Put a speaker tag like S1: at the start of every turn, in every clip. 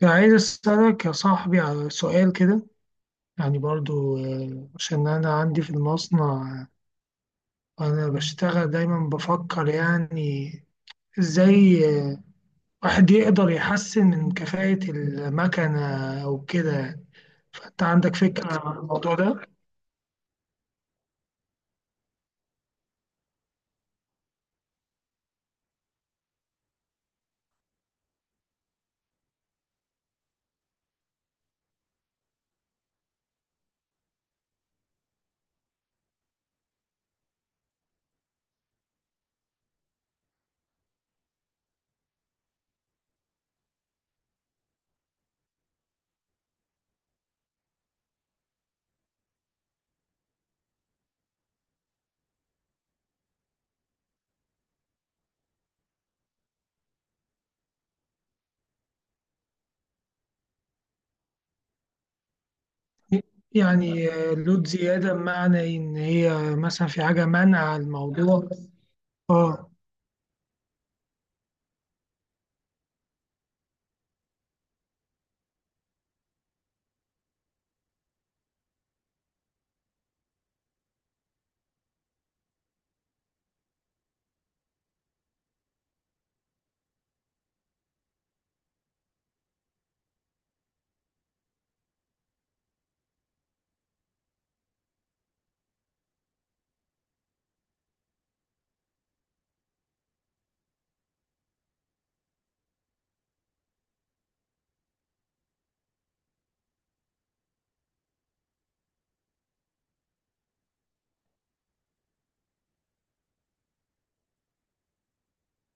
S1: يعني عايز أسألك يا صاحبي على سؤال كده. يعني برضو عشان أنا عندي في المصنع، وأنا بشتغل دايما بفكر يعني إزاي آه، واحد يقدر يحسن من كفاءة المكنة أو كده يعني. فأنت عندك فكرة عن الموضوع ده؟ يعني لود زيادة بمعنى إن هي مثلا في حاجة منع الموضوع. اه،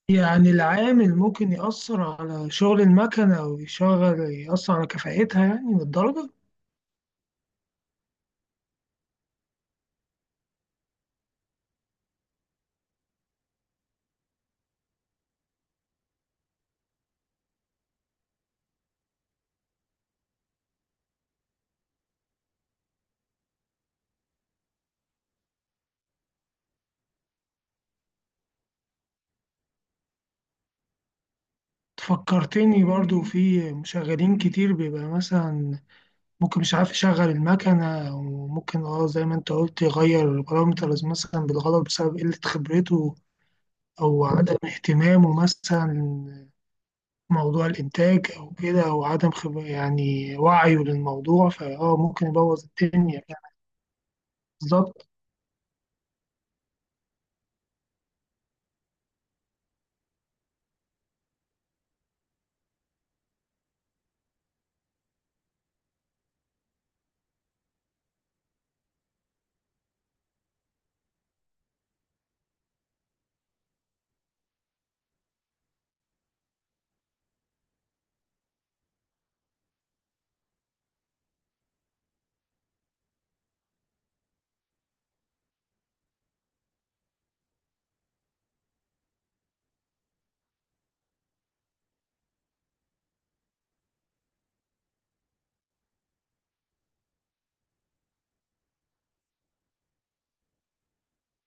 S1: يعني العامل ممكن يأثر على شغل المكنة أو يشغل يأثر على كفاءتها يعني للدرجة؟ فكرتني برضو في مشغلين كتير بيبقى مثلا ممكن مش عارف يشغل المكنة، وممكن اه زي ما انت قلت يغير البارامترز مثلا بالغلط بسبب قلة خبرته أو عدم اهتمامه مثلا، موضوع الإنتاج أو كده، أو عدم خبرة يعني وعيه للموضوع فاه ممكن يبوظ الدنيا يعني. بالظبط.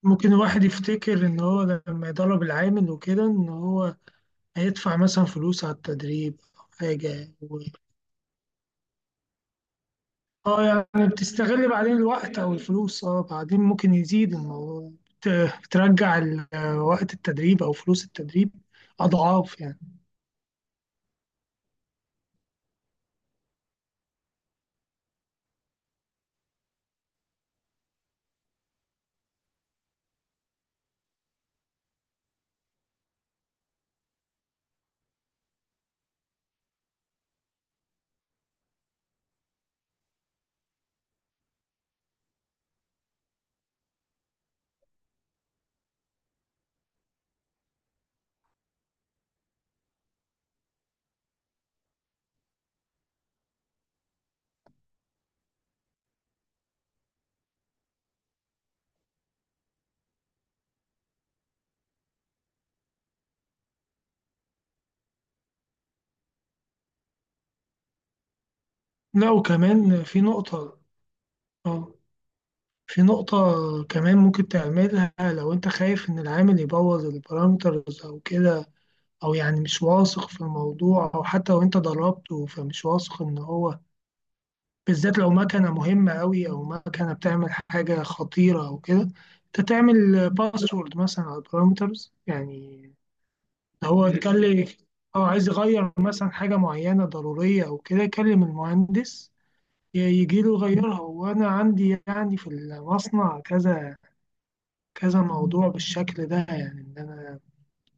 S1: ممكن الواحد يفتكر إن هو لما يدرب العامل وكده إن هو هيدفع مثلا فلوس على التدريب أو حاجة. اه، يعني بتستغل بعدين الوقت او الفلوس، اه بعدين ممكن يزيد الموضوع. بترجع وقت التدريب او فلوس التدريب اضعاف يعني. لا وكمان في نقطة. اه، في نقطة كمان ممكن تعملها لو انت خايف ان العامل يبوظ البارامترز او كده، او يعني مش واثق في الموضوع، او حتى لو انت دربته فمش واثق ان هو، بالذات لو مكنة مهمة أوي أو مكنة بتعمل حاجة خطيرة أو كده، أنت تعمل باسورد مثلا على البارامترز يعني. لو هو يتكلم أو عايز يغير مثلا حاجة معينة ضرورية أو كده، يكلم المهندس يجي له يغيرها. وأنا عندي يعني في المصنع كذا كذا موضوع بالشكل ده، يعني إن أنا،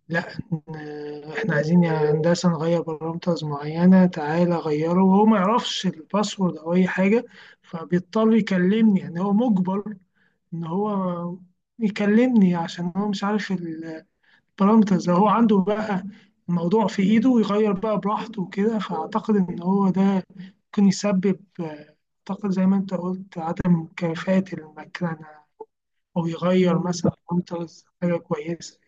S1: لا، احنا عايزين يا هندسة نغير بارامترز معينة، تعالى غيره، وهو ما يعرفش الباسورد او اي حاجة، فبيضطر يكلمني يعني. هو مجبر ان هو يكلمني عشان هو مش عارف البارامترز. لو هو عنده بقى الموضوع في ايده ويغير بقى براحته وكده، فاعتقد ان هو ده ممكن يسبب اعتقد زي ما انت قلت عدم كفاءة المكنة، او يغير مثلا بارامترز حاجة كويسة.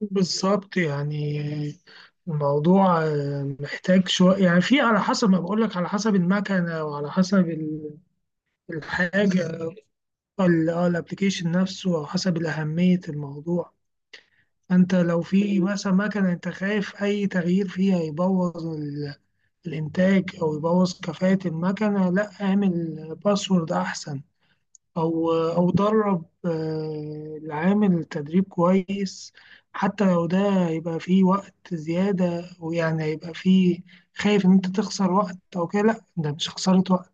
S1: بالظبط يعني. الموضوع محتاج شوية، يعني في على حسب ما بقول لك، على حسب المكنة وعلى حسب الحاجة ال- الابليكيشن نفسه، أو حسب أهمية الموضوع. أنت لو في مثلا مكنة أنت خايف أي تغيير فيها يبوظ الإنتاج أو يبوظ كفاءة المكنة، لا اعمل باسورد أحسن، او او درب العامل تدريب كويس. حتى لو ده هيبقى فيه وقت زيادة ويعني هيبقى فيه، خايف ان انت تخسر وقت او كده، لا ده مش خسارة وقت،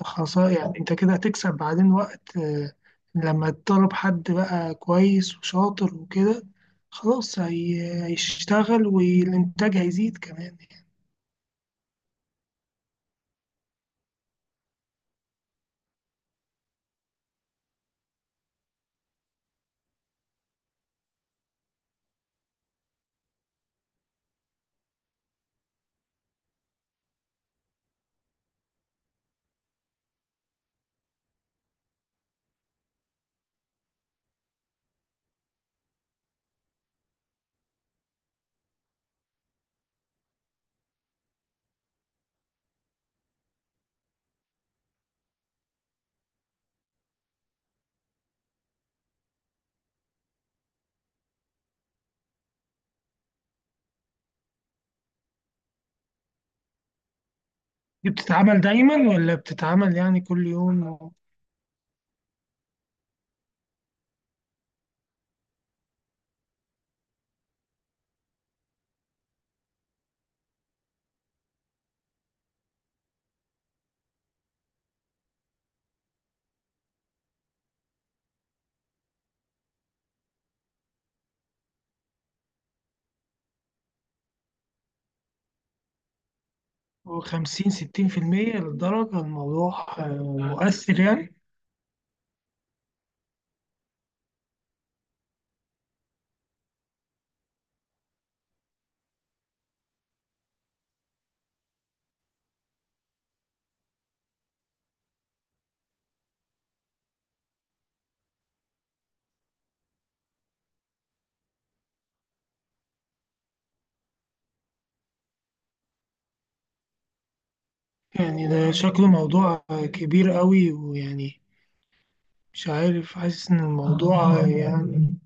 S1: ده خسارة يعني. انت كده هتكسب بعدين وقت، لما تطلب حد بقى كويس وشاطر وكده، خلاص هيشتغل والإنتاج هيزيد كمان يعني. دي بتتعمل دايما ولا بتتعمل يعني كل يوم؟ 50 60% للدرجة الموضوع مؤثر يعني؟ يعني ده شكله موضوع كبير قوي ويعني مش عارف، حاسس إن الموضوع يعني،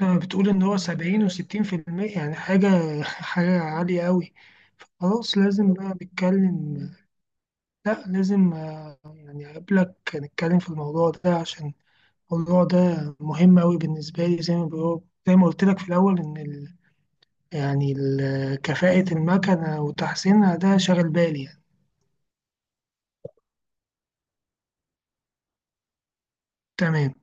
S1: بتقول إن هو 70 و60% يعني حاجة، حاجة عالية قوي. خلاص لازم بقى نتكلم. لا لازم يعني أقابلك نتكلم في الموضوع ده، عشان الموضوع ده مهم أوي بالنسبة لي. زي ما زي ما قلت لك في الأول إن يعني كفاءة المكنة وتحسينها ده شاغل بالي يعني. تمام.